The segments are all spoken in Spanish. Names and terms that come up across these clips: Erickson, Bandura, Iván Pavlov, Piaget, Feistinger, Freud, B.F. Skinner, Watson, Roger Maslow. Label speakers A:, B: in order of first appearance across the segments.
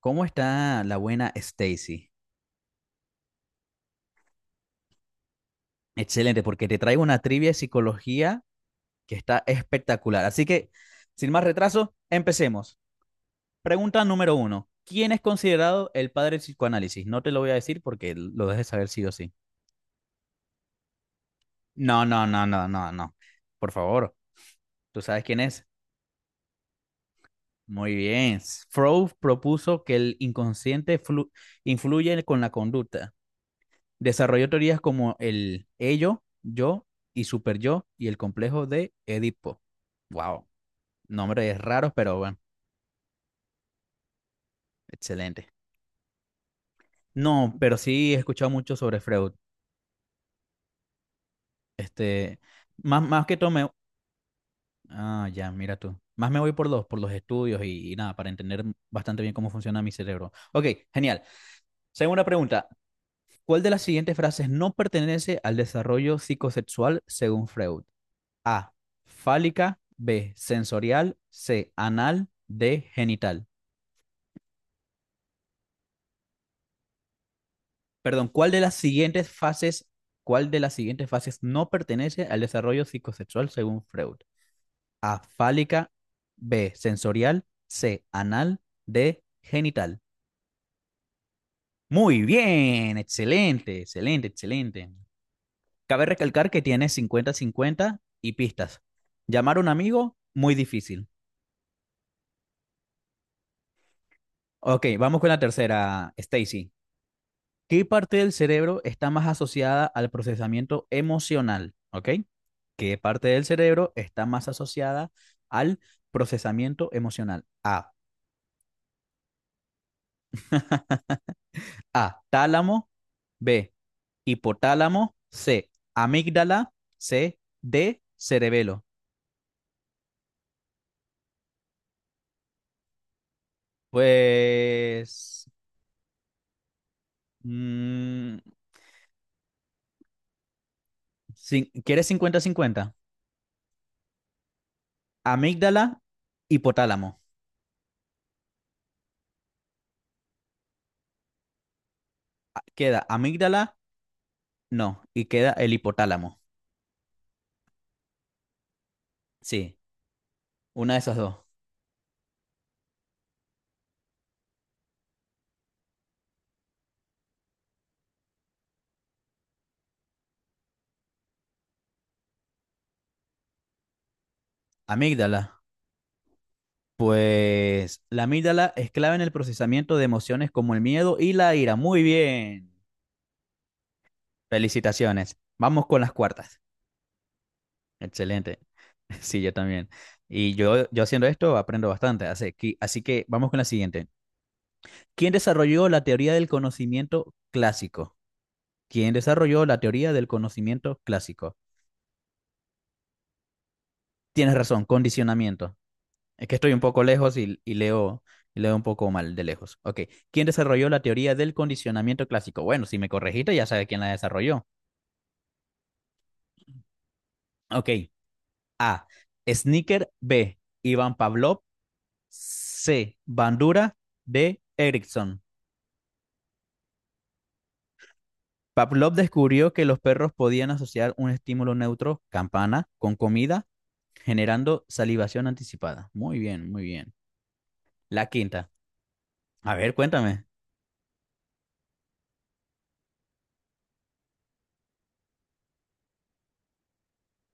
A: ¿Cómo está la buena Stacy? Excelente, porque te traigo una trivia de psicología que está espectacular. Así que, sin más retraso, empecemos. Pregunta número uno. ¿Quién es considerado el padre del psicoanálisis? No te lo voy a decir porque lo dejes saber sí o sí. No, no, no, no, no, no. Por favor, ¿tú sabes quién es? Muy bien. Freud propuso que el inconsciente influye con la conducta. Desarrolló teorías como el ello, yo y superyo y el complejo de Edipo. Wow, nombres raros, pero bueno, excelente. No, pero sí he escuchado mucho sobre Freud. Este, más que todo me. Ah, ya, mira tú. Más me voy por los estudios y nada, para entender bastante bien cómo funciona mi cerebro. Ok, genial. Segunda pregunta. ¿Cuál de las siguientes frases no pertenece al desarrollo psicosexual según Freud? A. Fálica. B. Sensorial. C. Anal. D. Genital. Perdón, ¿cuál de las siguientes fases no pertenece al desarrollo psicosexual según Freud? A. Fálica. B. Sensorial. C. Anal. D. Genital. Muy bien, excelente, excelente, excelente. Cabe recalcar que tiene 50-50 y pistas. Llamar a un amigo, muy difícil. Ok, vamos con la tercera, Stacy. ¿Qué parte del cerebro está más asociada al procesamiento emocional? ¿Ok? ¿Qué parte del cerebro está más asociada al procesamiento emocional? A. Tálamo. B. Hipotálamo. C. Amígdala. C. D. Cerebelo. Pues, mm, quieres 50-50, amígdala, hipotálamo. Ah, queda amígdala, no. Y queda el hipotálamo. Sí, una de esas dos. Amígdala. Pues la amígdala es clave en el procesamiento de emociones como el miedo y la ira. Muy bien. Felicitaciones. Vamos con las cuartas. Excelente. Sí, yo también. Y yo haciendo esto aprendo bastante. Así que vamos con la siguiente. ¿Quién desarrolló la teoría del conocimiento clásico? ¿Quién desarrolló la teoría del conocimiento clásico? Tienes razón, condicionamiento. Es que estoy un poco lejos y leo un poco mal de lejos. Ok. ¿Quién desarrolló la teoría del condicionamiento clásico? Bueno, si me corregiste, ya sabes quién la desarrolló. Ok. A. Snicker. B. Iván Pavlov. C. Bandura. D. Erickson. Pavlov descubrió que los perros podían asociar un estímulo neutro, campana, con comida, generando salivación anticipada. Muy bien, muy bien. La quinta. A ver, cuéntame.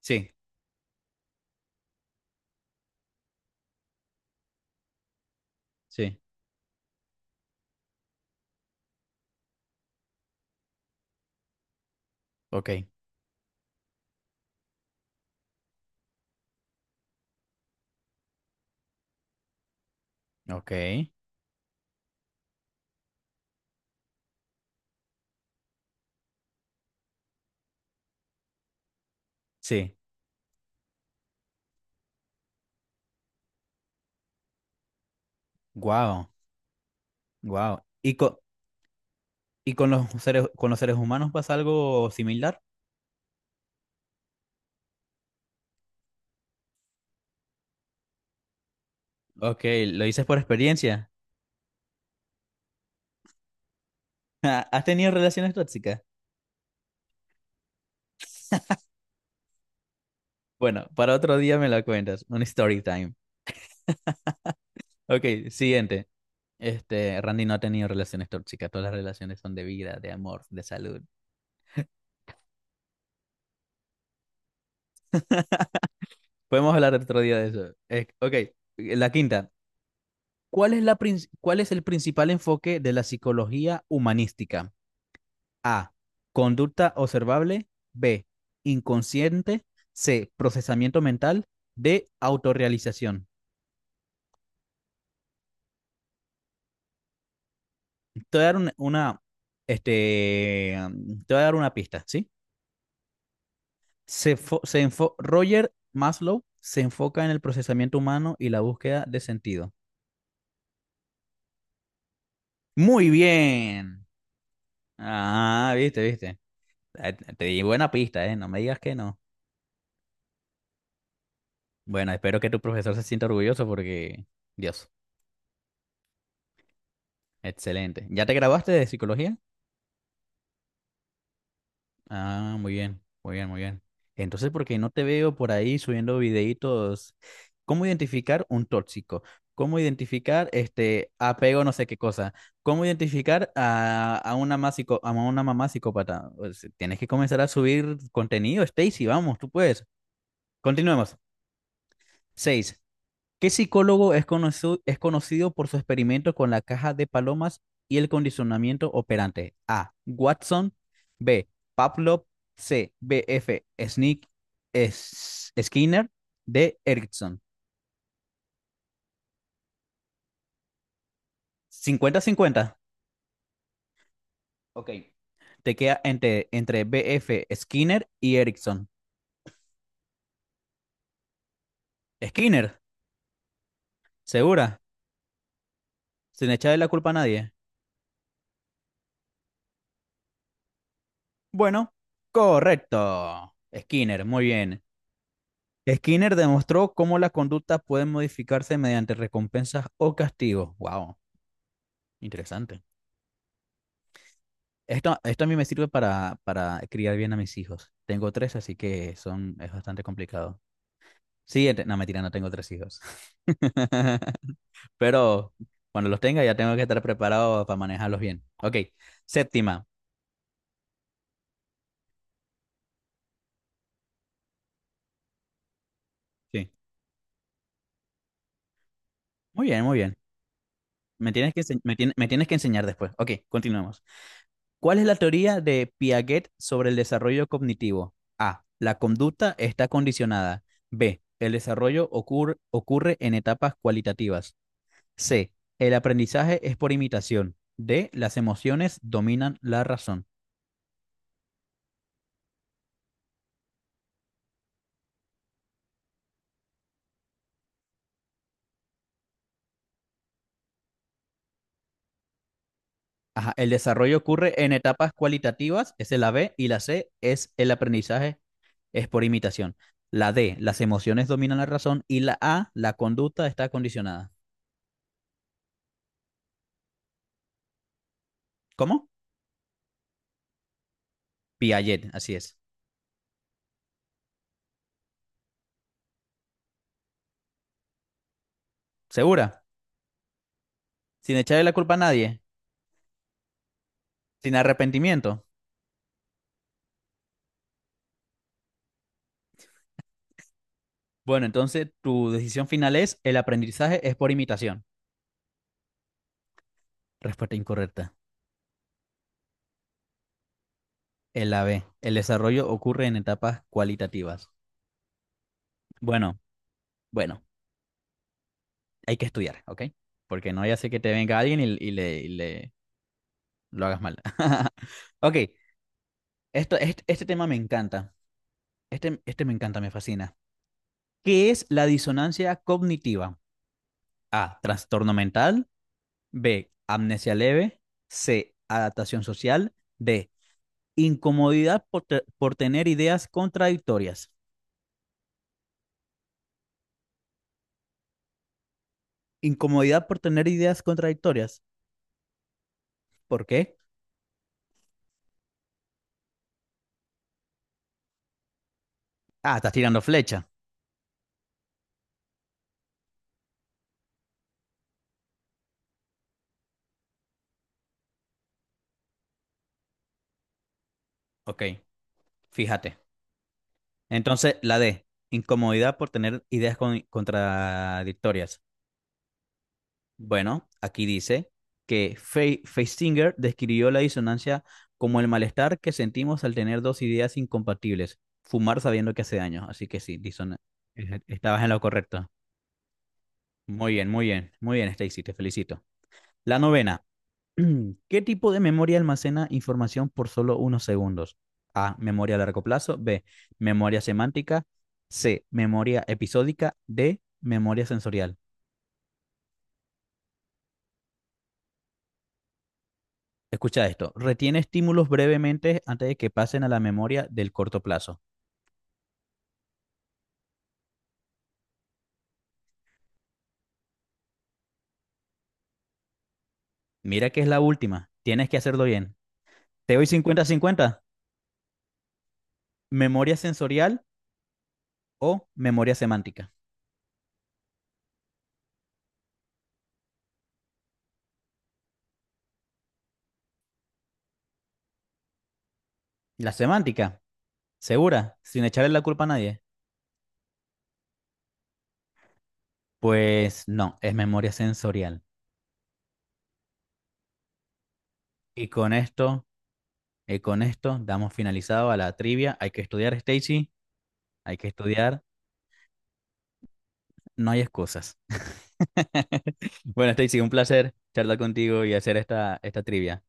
A: Sí, sí. Ok, ok. Sí. Wow. Wow. Y con los seres humanos pasa algo similar? Ok, lo dices por experiencia. ¿Has tenido relaciones tóxicas? Bueno, para otro día me la cuentas. Un story time. Ok, siguiente. Randy no ha tenido relaciones tóxicas. Todas las relaciones son de vida, de amor, de salud. Podemos hablar otro día de eso. Ok, la quinta. ¿Cuál es el principal enfoque de la psicología humanística? A. Conducta observable. B. Inconsciente. C. Procesamiento mental. D. Autorrealización. Te voy a dar un- una, este, um, te voy a dar una pista, ¿sí? Se fo- se enfo- Roger Maslow se enfoca en el procesamiento humano y la búsqueda de sentido. Muy bien. Ah, viste, viste. Te di buena pista, ¿eh? No me digas que no. Bueno, espero que tu profesor se sienta orgulloso porque, Dios, excelente. ¿Ya te graduaste de psicología? Ah, muy bien, muy bien, muy bien. ¿Entonces, porque no te veo por ahí subiendo videitos? ¿Cómo identificar un tóxico? ¿Cómo identificar este apego no sé qué cosa? ¿Cómo identificar a una mamá psicópata? Pues, tienes que comenzar a subir contenido, Stacy, vamos, tú puedes. Continuemos. Seis. ¿Qué psicólogo es conocido por su experimento con la caja de palomas y el condicionamiento operante? A. Watson. B. Pavlov. C. B.F. Skinner. D. Erickson. 50-50. Ok. Te queda entre B.F. Skinner y Erickson. Skinner, segura, sin echarle la culpa a nadie. Bueno, correcto. Skinner, muy bien. Skinner demostró cómo la conducta puede modificarse mediante recompensas o castigos. Wow, interesante. Esto a mí me sirve para criar bien a mis hijos. Tengo tres, así que es bastante complicado. Siguiente. No, mentira, no tengo tres hijos. Pero cuando los tenga ya tengo que estar preparado para manejarlos bien. Ok, séptima. Sí. Muy bien, muy bien. Me tienes que enseñar después. Ok, continuamos. ¿Cuál es la teoría de Piaget sobre el desarrollo cognitivo? A. La conducta está condicionada. B. El desarrollo ocurre en etapas cualitativas. C. El aprendizaje es por imitación. D. Las emociones dominan la razón. Ajá, el desarrollo ocurre en etapas cualitativas, esa es la B, y la C es el aprendizaje es por imitación. La D, las emociones dominan la razón, y la A, la conducta está condicionada. ¿Cómo? Piaget, así es. ¿Segura? Sin echarle la culpa a nadie, sin arrepentimiento. Bueno, entonces tu decisión final es el aprendizaje es por imitación. Respuesta incorrecta. El AB. El desarrollo ocurre en etapas cualitativas. Bueno, bueno, hay que estudiar, ¿ok? Porque no ya sé que te venga alguien y le lo hagas mal. Ok, este tema me encanta. Este me encanta, me fascina. ¿Qué es la disonancia cognitiva? A. Trastorno mental. B, amnesia leve. C, adaptación social. D, incomodidad por tener ideas contradictorias. Incomodidad por tener ideas contradictorias. ¿Por qué? Ah, estás tirando flecha. Ok, fíjate. Entonces, la D, incomodidad por tener ideas contradictorias. Bueno, aquí dice que Feistinger describió la disonancia como el malestar que sentimos al tener dos ideas incompatibles, fumar sabiendo que hace daño. Así que sí, estabas en lo correcto. Muy bien, muy bien, muy bien, Stacy, te felicito. La novena. ¿Qué tipo de memoria almacena información por solo unos segundos? A. Memoria a largo plazo. B. Memoria semántica. C. Memoria episódica. D. Memoria sensorial. Escucha esto, retiene estímulos brevemente antes de que pasen a la memoria del corto plazo. Mira que es la última, tienes que hacerlo bien. Te doy 50-50. Memoria sensorial o memoria semántica. La semántica, segura, sin echarle la culpa a nadie. Pues no, es memoria sensorial. Y con esto, y con esto damos finalizado a la trivia. Hay que estudiar, Stacy, hay que estudiar, no hay excusas. Bueno, Stacy, un placer charlar contigo y hacer esta trivia.